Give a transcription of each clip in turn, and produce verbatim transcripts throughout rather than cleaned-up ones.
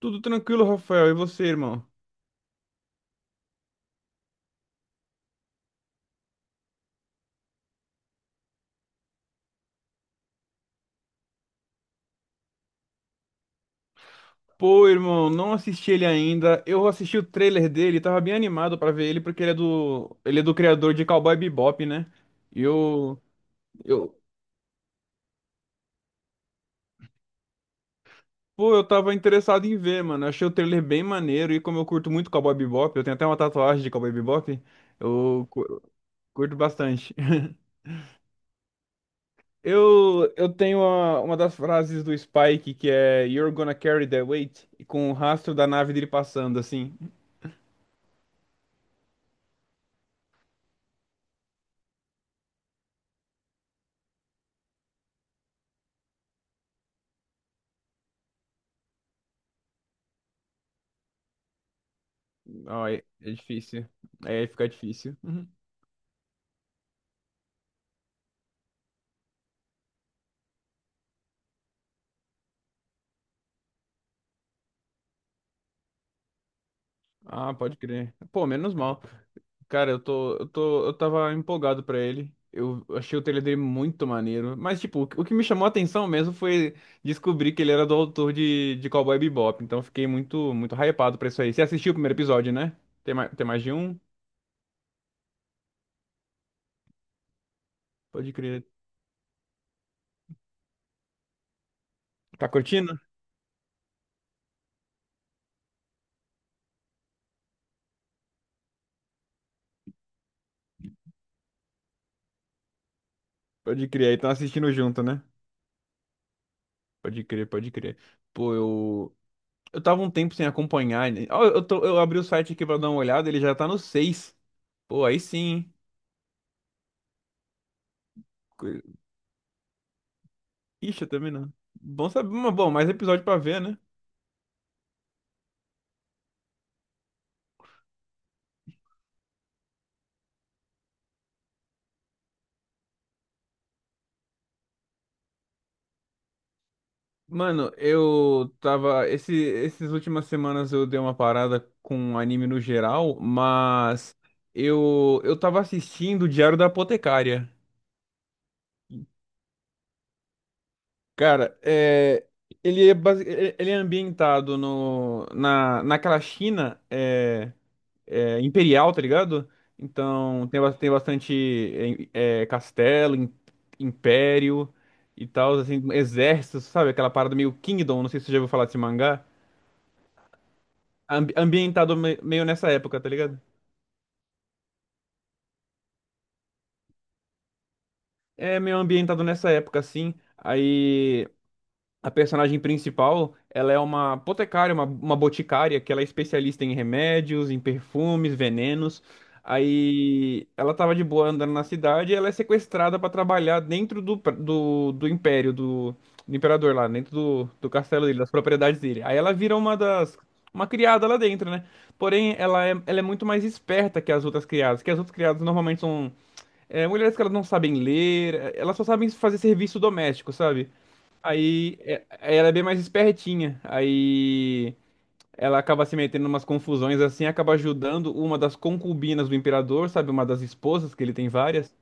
Tudo tranquilo, Rafael. E você, irmão? Pô, irmão, não assisti ele ainda. Eu assisti o trailer dele, tava bem animado pra ver ele, porque ele é do, ele é do criador de Cowboy Bebop, né? E eu, eu, pô, eu tava interessado em ver, mano. Eu achei o trailer bem maneiro e como eu curto muito Cowboy Bebop, eu tenho até uma tatuagem de Cowboy Bebop, eu cu- curto bastante. Eu, eu tenho uma, uma das frases do Spike que é You're gonna carry that weight, e com o rastro da nave dele passando, assim. Ó, é, é difícil. É, aí fica difícil. Uhum. Ah, pode crer. Pô, menos mal. Cara, eu tô, eu tô, eu tava empolgado pra ele. Eu achei o trailer dele muito maneiro. Mas, tipo, o que o que me chamou a atenção mesmo foi descobrir que ele era do autor de, de Cowboy Bebop. Então, eu fiquei muito, muito hypado pra isso aí. Você assistiu o primeiro episódio, né? Tem mais, tem mais de um? Pode crer. Tá curtindo? Pode crer. Aí estão assistindo junto, né? Pode crer, pode crer. Pô, eu. Eu tava um tempo sem acompanhar, né? Ó, eu tô, eu abri o site aqui pra dar uma olhada, ele já tá no seis. Pô, aí sim, hein? Co- Ixi, eu também não. Bom saber, mas bom, mais episódio pra ver, né? Mano, eu tava. Esse, esses últimas semanas eu dei uma parada com anime no geral, mas eu, eu tava assistindo o Diário da Apotecária. Cara, é, ele é, basi- ele ele é ambientado no, na, naquela China. É, é, imperial, tá ligado? Então tem, ba- tem bastante é, é, castelo, im- império e tal, assim, exércitos, sabe? Aquela parada meio Kingdom, não sei se você já ouviu falar desse mangá. Ambi- ambientado me- meio nessa época, tá ligado? É meio ambientado nessa época, assim. Aí. A personagem principal, ela é uma apotecária, uma, uma boticária, que ela é especialista em remédios, em perfumes, venenos. Aí ela tava de boa andando na cidade e ela é sequestrada para trabalhar dentro do, pra- do, do império, do, do imperador lá, dentro do, do castelo dele, das propriedades dele. Aí ela vira uma das, uma criada lá dentro, né? Porém, ela é, ela é muito mais esperta que as outras criadas, que as outras criadas normalmente são é, mulheres que elas não sabem ler, é, elas só sabem fazer serviço doméstico, sabe? Aí é- ela é bem mais espertinha. Aí ela acaba se metendo em umas confusões assim, acaba ajudando uma das concubinas do imperador, sabe? Uma das esposas, que ele tem várias.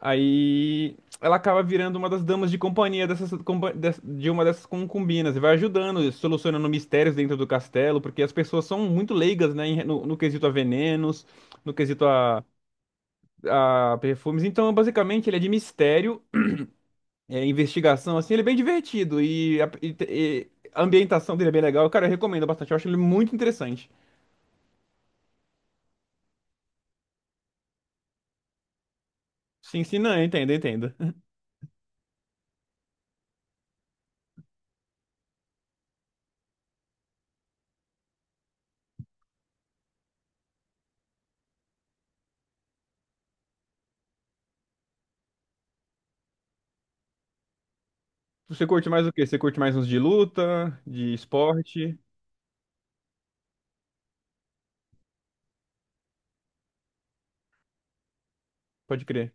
Aí ela acaba virando uma das damas de companhia dessas, compa- des- de uma dessas concubinas e vai ajudando, solucionando mistérios dentro do castelo, porque as pessoas são muito leigas, né? em- No, no quesito a venenos, no quesito a, a perfumes. Então, basicamente, ele é de mistério, é, investigação, assim, ele é bem divertido e a, e- e a ambientação dele é bem legal. Cara, eu recomendo bastante, eu acho ele muito interessante. Sim, sim, não, entenda, entenda. Você curte mais o quê? Você curte mais uns de luta, de esporte? Pode crer.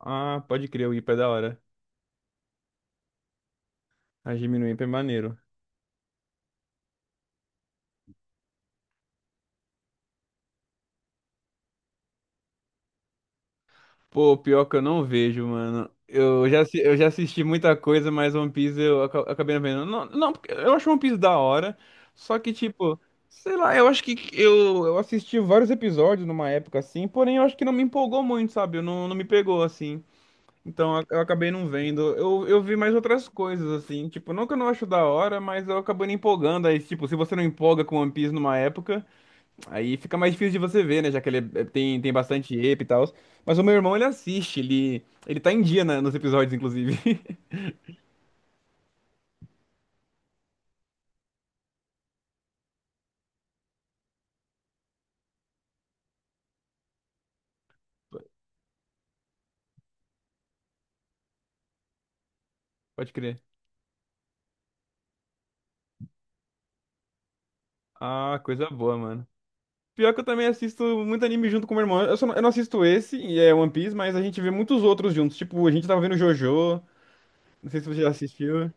Ah, pode crer, o I P A é da hora. A Jimmy no ipa é maneiro. Pô, pior que eu não vejo, mano. Eu já, assi- eu já assisti muita coisa, mas One Piece eu aca- acabei não vendo. Não, não, porque eu acho One Piece da hora. Só que, tipo, sei lá, eu acho que eu, eu assisti vários episódios numa época assim, porém eu acho que não me empolgou muito, sabe? Eu não, não me pegou assim. Então eu eu acabei não vendo. Eu, eu vi mais outras coisas, assim. Tipo, não que eu não acho da hora, mas eu acabei não empolgando. Aí, tipo, se você não empolga com One Piece numa época. Aí fica mais difícil de você ver, né? Já que ele é- é, tem, tem bastante epe e tal. Mas o meu irmão, ele assiste, ele, ele tá em dia na- nos episódios, inclusive. Pode crer. Ah, coisa boa, mano. Pior que eu também assisto muito anime junto com meu irmão. Eu, só não, eu não assisto esse, e é One Piece, mas a gente vê muitos outros juntos. Tipo, a gente tava vendo JoJo. Não sei se você já assistiu.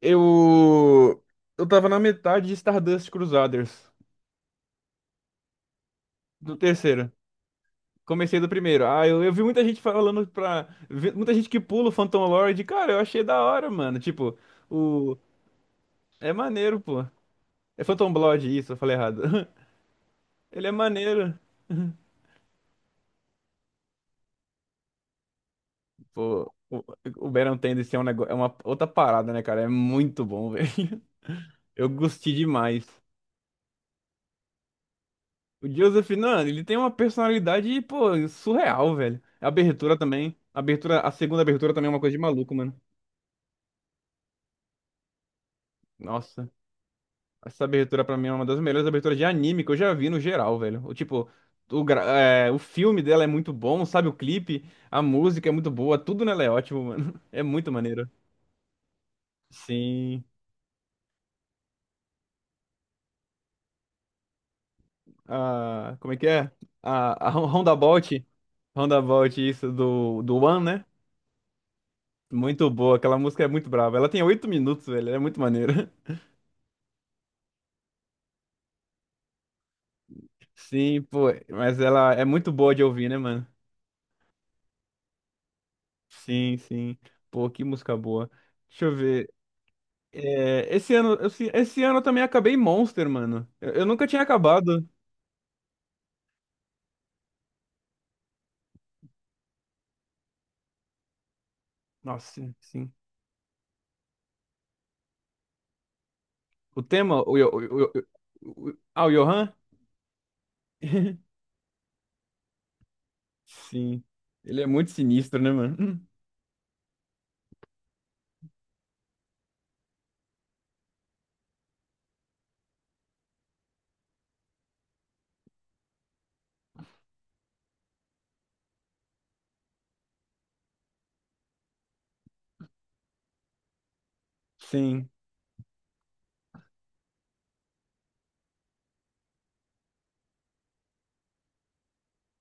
Eu. Eu tava na metade de Stardust Crusaders, do terceiro. Comecei do primeiro. Ah, eu, eu vi muita gente falando pra. vi- muita gente que pula o Phantom Lord. Cara, eu achei da hora, mano. Tipo, o. É maneiro, pô. É Phantom Blood, isso, eu falei errado. Ele é maneiro. Pô, o, o Baron Tendency é um negócio. É uma outra parada, né, cara? É muito bom, velho. Eu gostei demais. O Joseph, mano, ele tem uma personalidade, pô, surreal, velho. A abertura também. A abertura, a segunda abertura também é uma coisa de maluco, mano. Nossa. Essa abertura pra mim é uma das melhores aberturas de anime que eu já vi no geral, velho. O tipo, o, gra- é, o filme dela é muito bom, sabe? O clipe, a música é muito boa, tudo nela é ótimo, mano. É muito maneiro. Sim. Ah, como é que é? A, a Hon- Roundabout. Roundabout, isso, do, do One, né? Muito boa, aquela música é muito brava. Ela tem oito minutos, velho, ela é muito maneira. Sim, pô, mas ela é muito boa de ouvir, né, mano? Sim, sim. Pô, que música boa. Deixa eu ver. É, esse ano, esse, esse ano eu também acabei Monster, mano. Eu, eu nunca tinha acabado. Nossa, sim. O tema, o, Yo- o, o, o- ah, O Johan? Sim. Ele é muito sinistro, né, mano? Hum. Sim,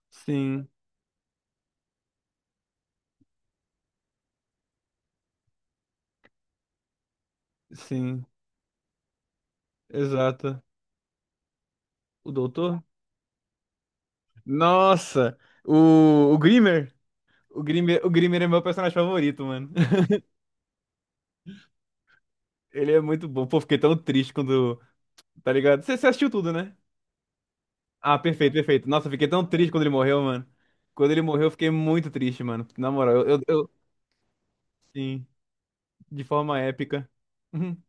sim, sim. Exato. O doutor? Nossa! O, o Grimmer? O Grimmer, o Grimmer é meu personagem favorito, mano. Ele é muito bom. Pô, fiquei tão triste quando. Tá ligado? Você você assistiu tudo, né? Ah, perfeito, perfeito. Nossa, eu fiquei tão triste quando ele morreu, mano. Quando ele morreu, eu fiquei muito triste, mano. Na moral, eu, eu, eu- sim, de forma épica. Uhum.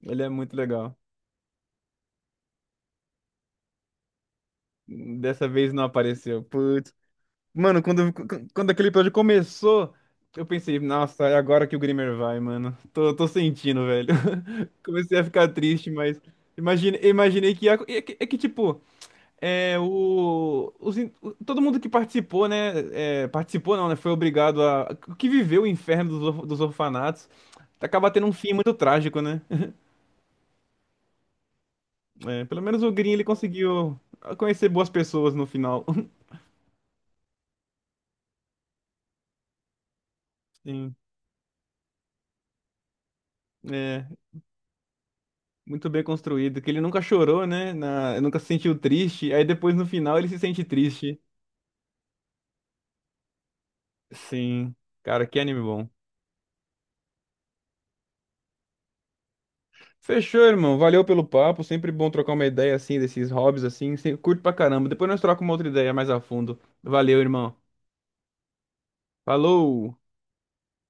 Ele é muito legal. Dessa vez não apareceu. Putz. Mano, quando, qu- quando aquele episódio começou, eu pensei, nossa, é agora que o Grimmer vai, mano. Tô, tô sentindo, velho. Comecei a ficar triste, mas imagine, imaginei que ia. É que, é que, tipo. É, o, os in- o- todo mundo que participou, né? é, participou não, né? Foi obrigado a. Que viveu o inferno dos, or- dos orfanatos. Acaba tendo um fim muito trágico, né? É, pelo menos o Green ele conseguiu conhecer boas pessoas no final. Sim. É, muito bem construído. Que ele nunca chorou, né? Na, nunca se sentiu triste. Aí depois no final ele se sente triste. Sim. Cara, que anime bom. Fechou, irmão. Valeu pelo papo. Sempre bom trocar uma ideia assim desses hobbies assim. Sempre curto pra caramba. Depois nós trocamos uma outra ideia mais a fundo. Valeu, irmão. Falou!